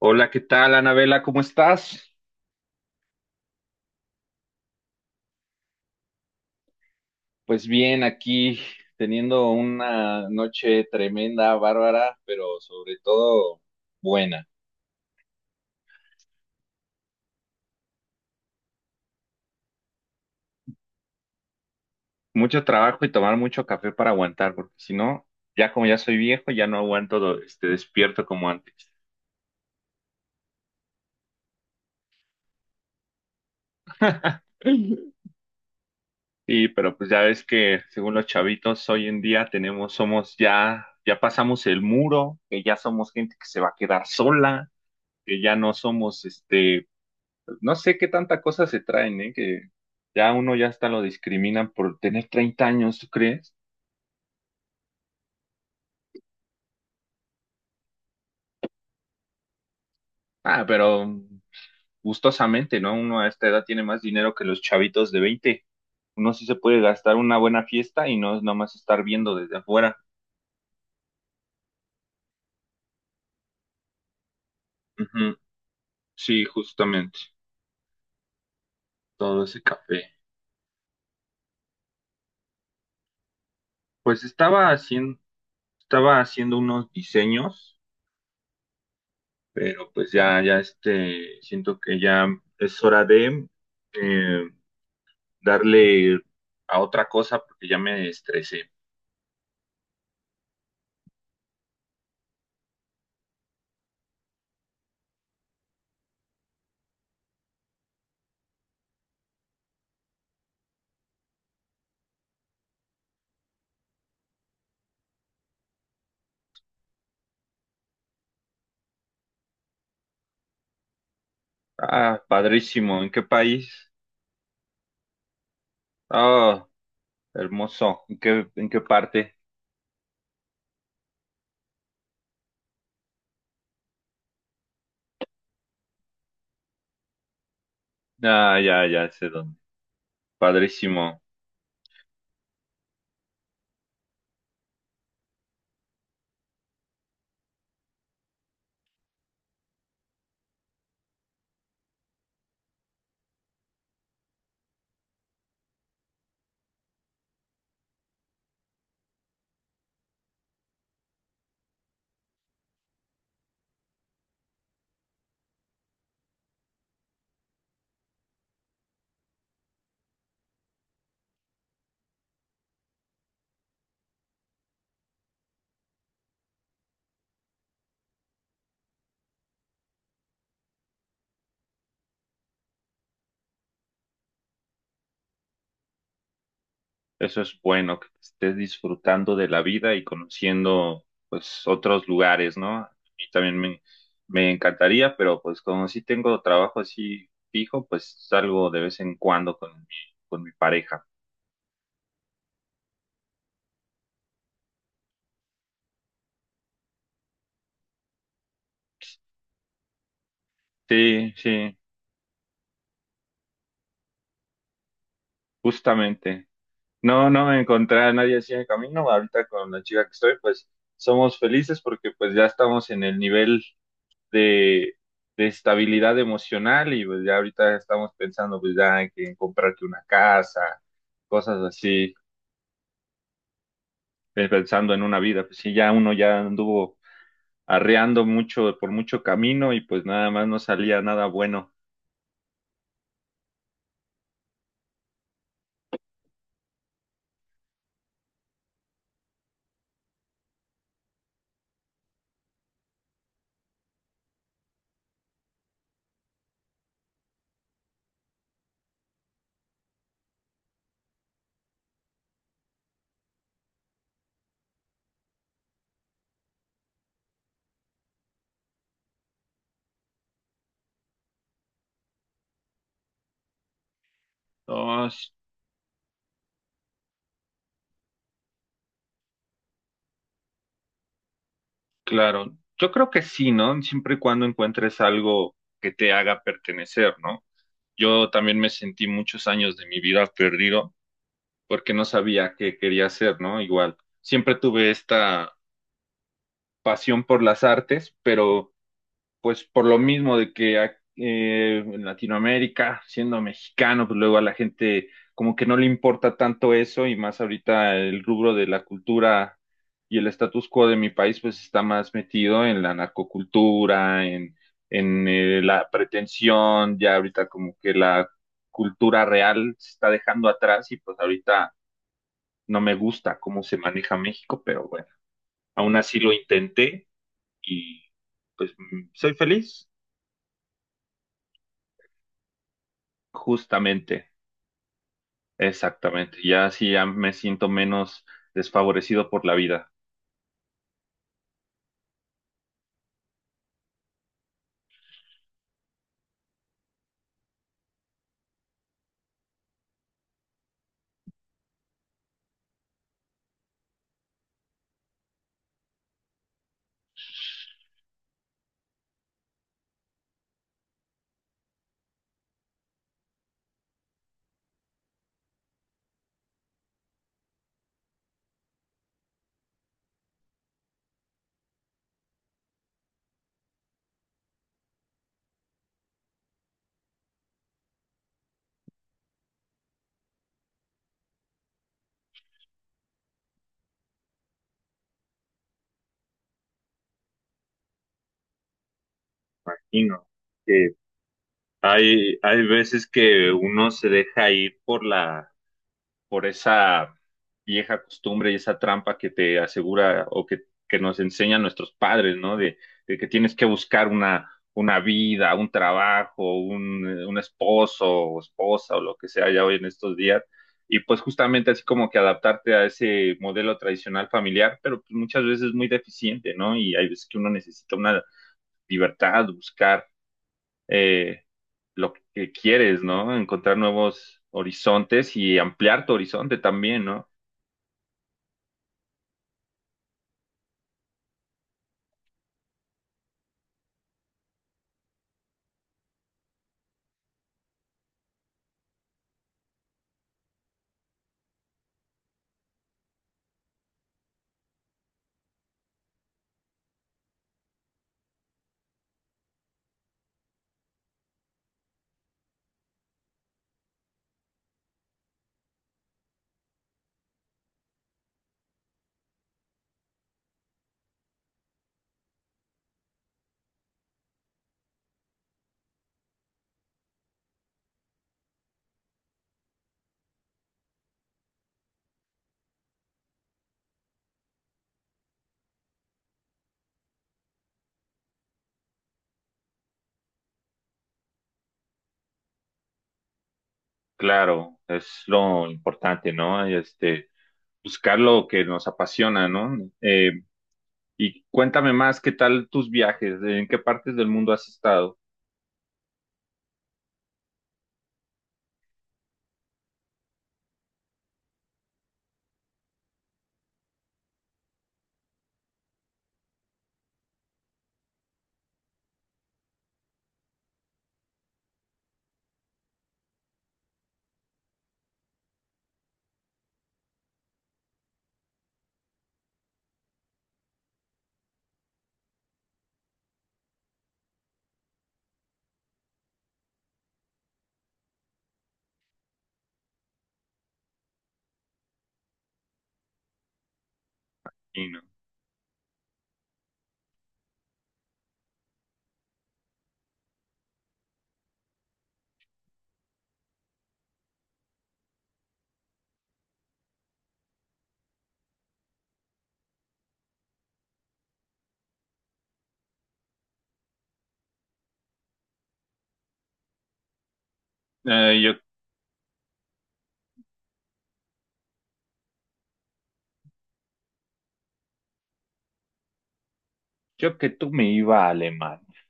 Hola, ¿qué tal, Anabela? ¿Cómo estás? Pues bien, aquí teniendo una noche tremenda, bárbara, pero sobre todo buena. Mucho trabajo y tomar mucho café para aguantar, porque si no, ya como ya soy viejo, ya no aguanto, despierto como antes. Sí, pero pues ya ves que según los chavitos hoy en día tenemos, somos ya, ya pasamos el muro, que ya somos gente que se va a quedar sola, que ya no somos no sé qué tanta cosa se traen, ¿eh? Que ya uno ya hasta lo discriminan por tener 30 años, ¿tú crees? Ah, pero gustosamente, ¿no? Uno a esta edad tiene más dinero que los chavitos de 20. Uno sí se puede gastar una buena fiesta y no es nomás estar viendo desde afuera. Ujú, sí, justamente. Todo ese café. Pues estaba haciendo unos diseños, pero pues ya, siento que ya es hora de eh, darle a otra cosa porque ya me estresé. Ah, padrísimo. ¿En qué país? Ah, hermoso. ¿En qué parte? Ah, ya, ya sé dónde. Padrísimo. Eso es bueno, que estés disfrutando de la vida y conociendo, pues, otros lugares, ¿no? A mí también me encantaría, pero pues como sí tengo trabajo así fijo, pues salgo de vez en cuando con mi pareja. Sí, sí, justamente. No, no encontré a nadie así en el camino. Ahorita con la chica que estoy, pues somos felices porque pues ya estamos en el nivel de, de estabilidad emocional y pues ya ahorita estamos pensando pues ya en que en comprarte una casa, cosas así, pensando en una vida. Pues sí, ya uno ya anduvo arreando mucho por mucho camino y pues nada más no salía nada bueno. No, claro. Yo creo que sí, ¿no? Siempre y cuando encuentres algo que te haga pertenecer, ¿no? Yo también me sentí muchos años de mi vida perdido porque no sabía qué quería hacer, ¿no? Igual, siempre tuve esta pasión por las artes, pero pues por lo mismo de que en Latinoamérica, siendo mexicano, pues luego a la gente como que no le importa tanto eso y más ahorita el rubro de la cultura y el status quo de mi país pues está más metido en la narcocultura, en, la pretensión, ya ahorita como que la cultura real se está dejando atrás y pues ahorita no me gusta cómo se maneja México, pero bueno, aún así lo intenté y pues soy feliz. Justamente, exactamente. Ya así ya me siento menos desfavorecido por la vida. Imagino que hay veces que uno se deja ir por la por esa vieja costumbre y esa trampa que te asegura o que nos enseñan nuestros padres, ¿no? De que tienes que buscar una vida, un trabajo, un esposo o esposa o lo que sea ya hoy en estos días. Y pues justamente así como que adaptarte a ese modelo tradicional familiar, pero pues muchas veces muy deficiente, ¿no? Y hay veces que uno necesita una libertad, buscar eh, lo que quieres, ¿no? Encontrar nuevos horizontes y ampliar tu horizonte también, ¿no? Claro, es lo importante, ¿no? Buscar lo que nos apasiona, ¿no? Y cuéntame más, ¿qué tal tus viajes? ¿En qué partes del mundo has estado? Y no. Eh, yo, yo que tú me iba a Alemania.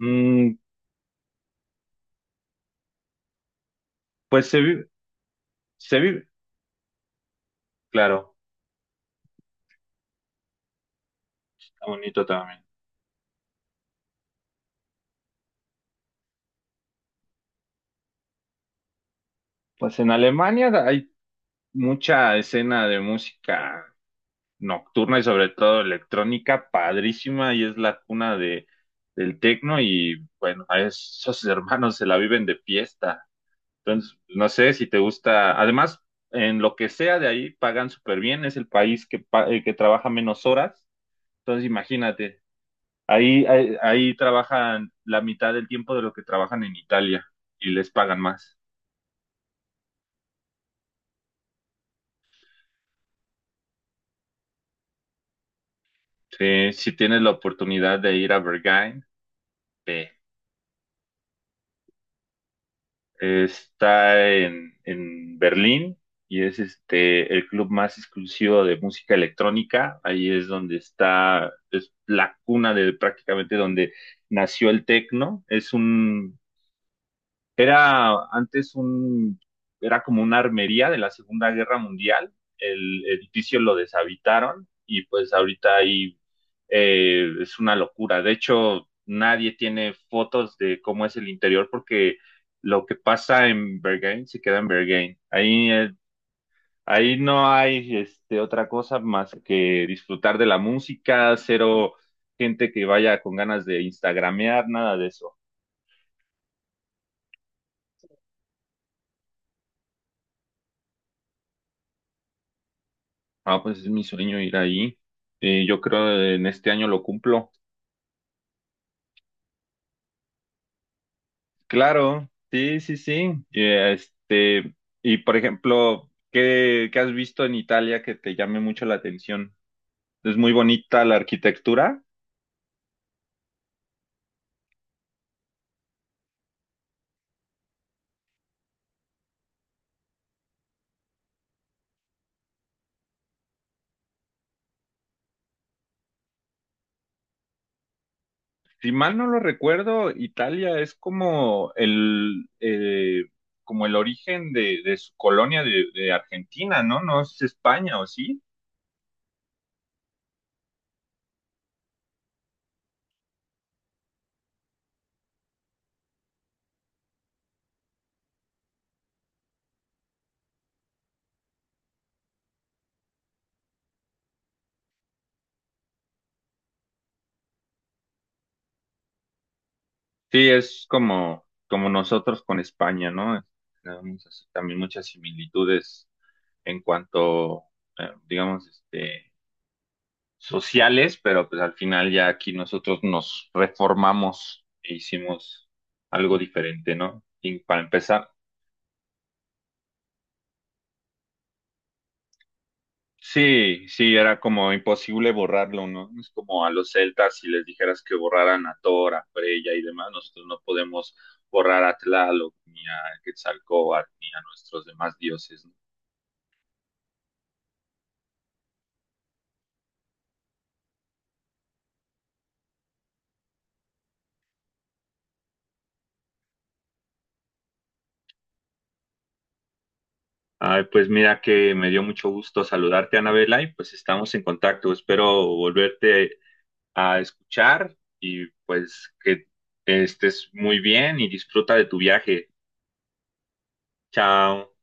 Mm, pues se vive, claro, está bonito también. Pues en Alemania hay mucha escena de música nocturna y sobre todo electrónica, padrísima, y es la cuna del techno y bueno, a esos hermanos se la viven de fiesta. Entonces, no sé si te gusta, además, en lo que sea de ahí pagan súper bien, es el país que trabaja menos horas, entonces imagínate, ahí trabajan la mitad del tiempo de lo que trabajan en Italia y les pagan más. Sí, si tienes la oportunidad de ir a Berghain, ve. Está en Berlín y es el club más exclusivo de música electrónica. Ahí es donde está, es la cuna de prácticamente donde nació el techno. Es un era antes un, era como una armería de la Segunda Guerra Mundial. El edificio lo deshabitaron y pues ahorita ahí es una locura. De hecho, nadie tiene fotos de cómo es el interior porque lo que pasa en Bergen se queda en Bergen. Ahí no hay otra cosa más que disfrutar de la música, cero gente que vaya con ganas de instagramear, nada de eso. Ah, pues es mi sueño ir ahí. Y yo creo en este año lo cumplo. Claro, sí, sí, sí. Y por ejemplo, ¿qué has visto en Italia que te llame mucho la atención? Es muy bonita la arquitectura. Si mal no lo recuerdo, Italia es como el origen de su colonia de Argentina, ¿no? No es España, ¿o sí? Sí, es como nosotros con España, ¿no? Tenemos así también muchas similitudes en cuanto, digamos, sociales, pero pues al final ya aquí nosotros nos reformamos e hicimos algo diferente, ¿no? Y para empezar, sí, sí, era como imposible borrarlo, ¿no? Es como a los celtas si les dijeras que borraran a Thor, a Freya y demás, nosotros no podemos borrar a Tlaloc, ni a Quetzalcóatl, ni a nuestros demás dioses, ¿no? Ay, pues mira que me dio mucho gusto saludarte, Anabela, y pues estamos en contacto. Espero volverte a escuchar y pues que estés muy bien y disfruta de tu viaje. Chao.